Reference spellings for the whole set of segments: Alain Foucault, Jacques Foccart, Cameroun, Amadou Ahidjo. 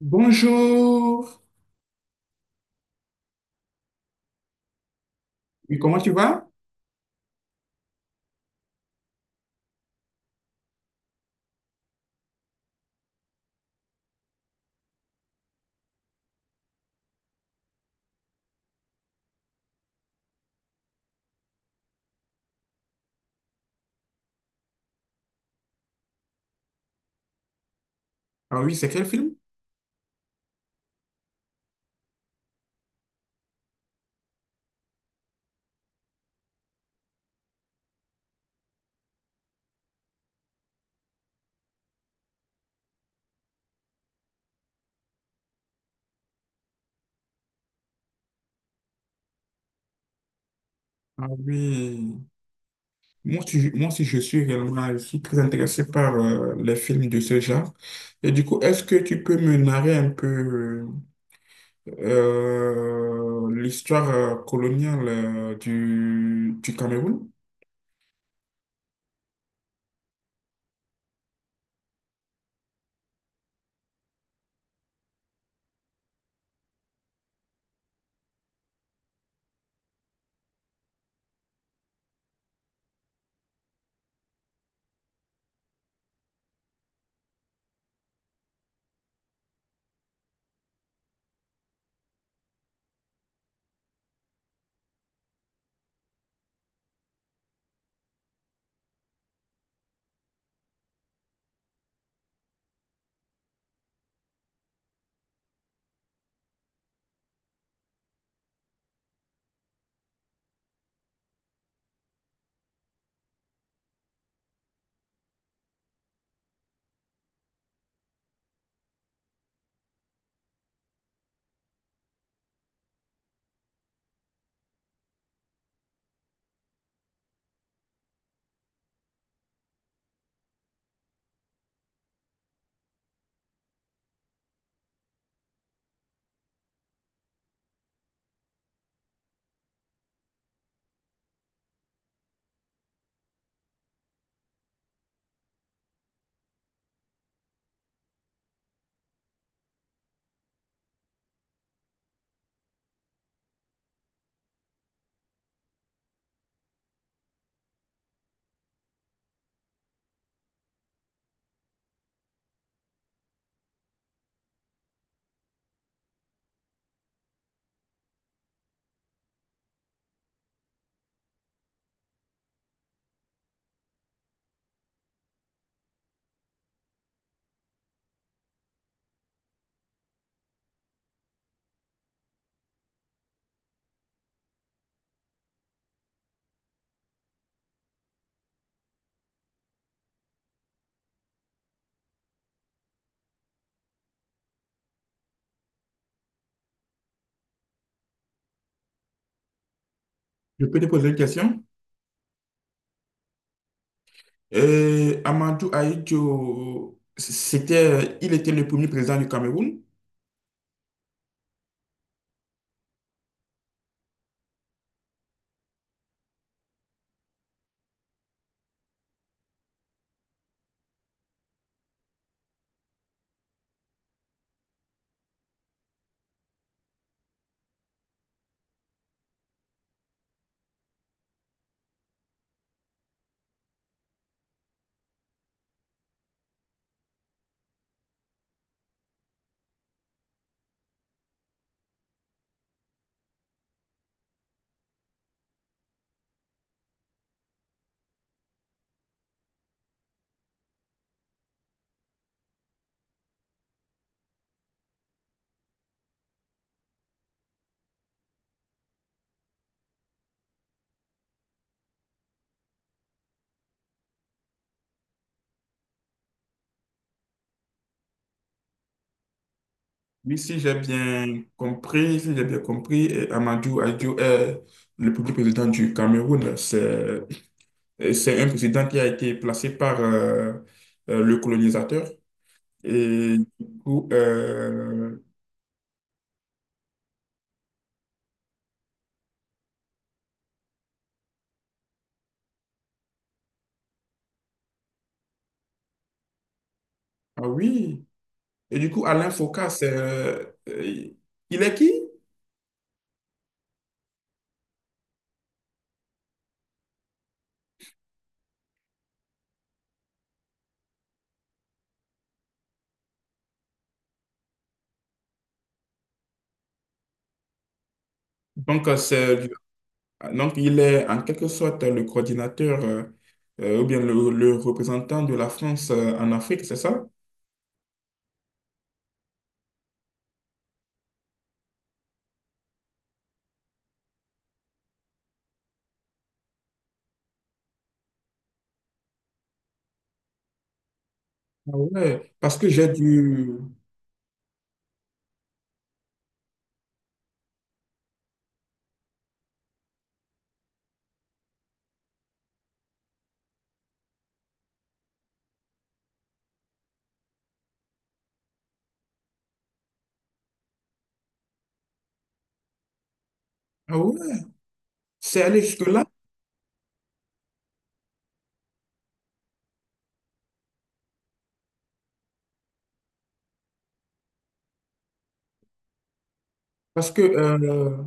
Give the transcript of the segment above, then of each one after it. Bonjour. Oui, comment tu vas? Ah oui, c'est quel film? Ah oui. Moi aussi, je suis réellement, je suis très intéressé par les films de ce genre. Et du coup, est-ce que tu peux me narrer un peu l'histoire coloniale du Cameroun? Je peux te poser une question? Amadou Ahidjo, c'était, il était le premier président du Cameroun. Oui, si j'ai bien compris, Amadou Ahidjo est le premier président du Cameroun. C'est un président qui a été placé par le colonisateur. Et du coup, ah oui. Et du coup, Alain Foucault, c'est, il est qui? Donc, donc, il est en quelque sorte le coordinateur ou bien le représentant de la France en Afrique, c'est ça? Ah ouais, parce que j'ai dû... Ah ouais, c'est allé jusque-là parce que...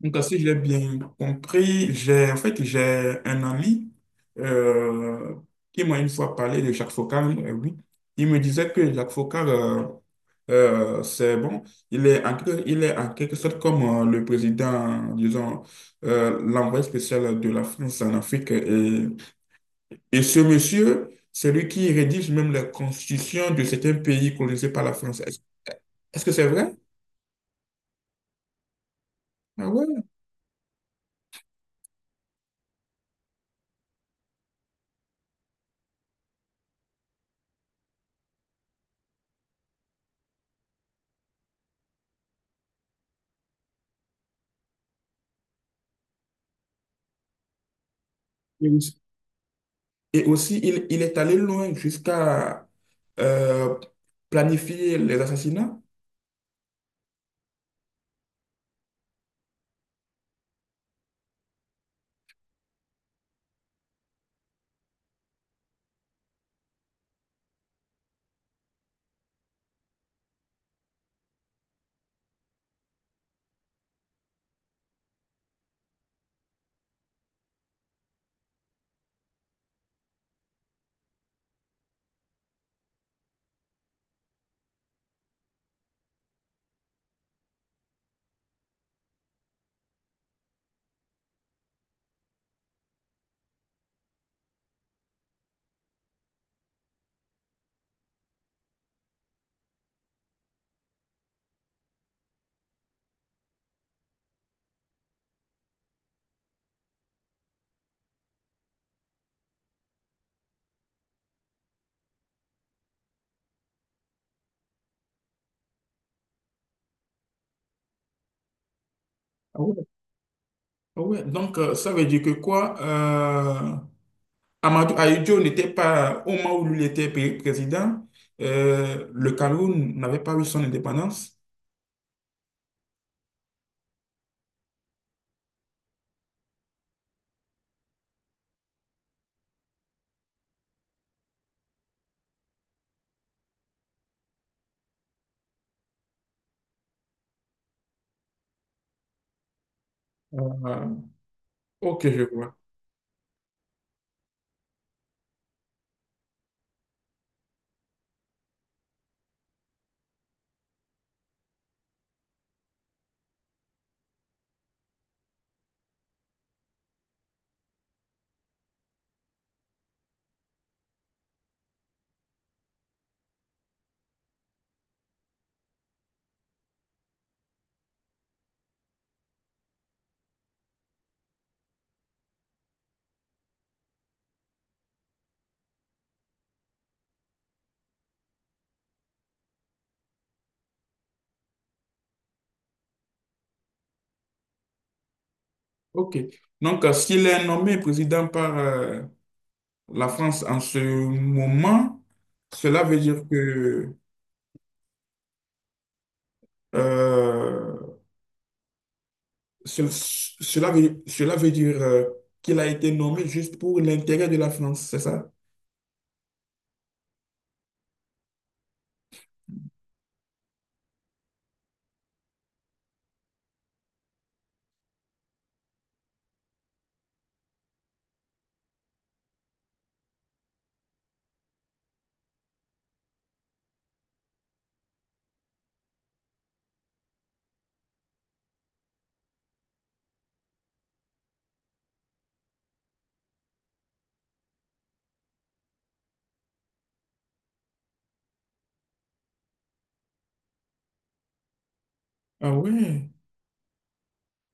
Donc, si j'ai bien compris, j'ai en fait j'ai un ami euh, qui m'a une fois parlé de Jacques Foccart. Oui. Il me disait que Jacques Foccart, c'est bon, il est en, il est en quelque sorte comme le président, disons, l'envoyé spécial de la France en Afrique. Et ce monsieur, c'est lui qui rédige même la constitution de certains pays colonisés par la France. Est-ce que c'est vrai? Ah ouais. Et aussi, il est allé loin jusqu'à euh, planifier les assassinats. Ah ouais. Ah ouais. Donc, ça veut dire que quoi? Amadou Ahidjo n'était pas, au moment où lui était président, le Cameroun n'avait pas eu son indépendance. Euh, ok, je vois. Ok. Donc, s'il est nommé président par la France en ce moment, cela veut dire que euh, cela veut, cela veut dire qu'il a été nommé juste pour l'intérêt de la France, c'est ça? Ah ouais.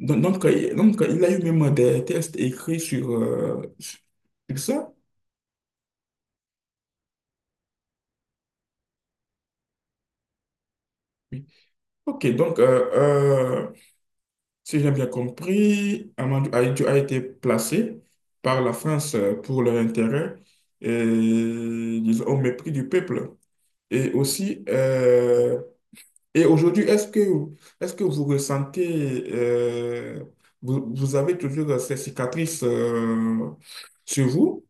Donc, il a eu même des tests écrits sur, sur sur ça. Oui. Ok, donc, si j'ai bien compris, Amadou Ahidjo a été placé par la France pour leur intérêt, et, disons, au mépris du peuple. Et aussi, et aujourd'hui, est-ce que vous ressentez, vous avez toujours ces cicatrices, sur vous?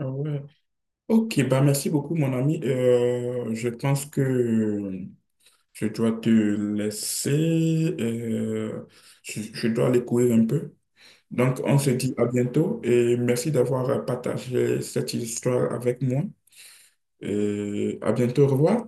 Ah ouais. Ok, bah merci beaucoup, mon ami. Je pense que je dois te laisser. Je dois aller courir un peu. Donc, on se dit à bientôt et merci d'avoir partagé cette histoire avec moi. Et à bientôt, au revoir.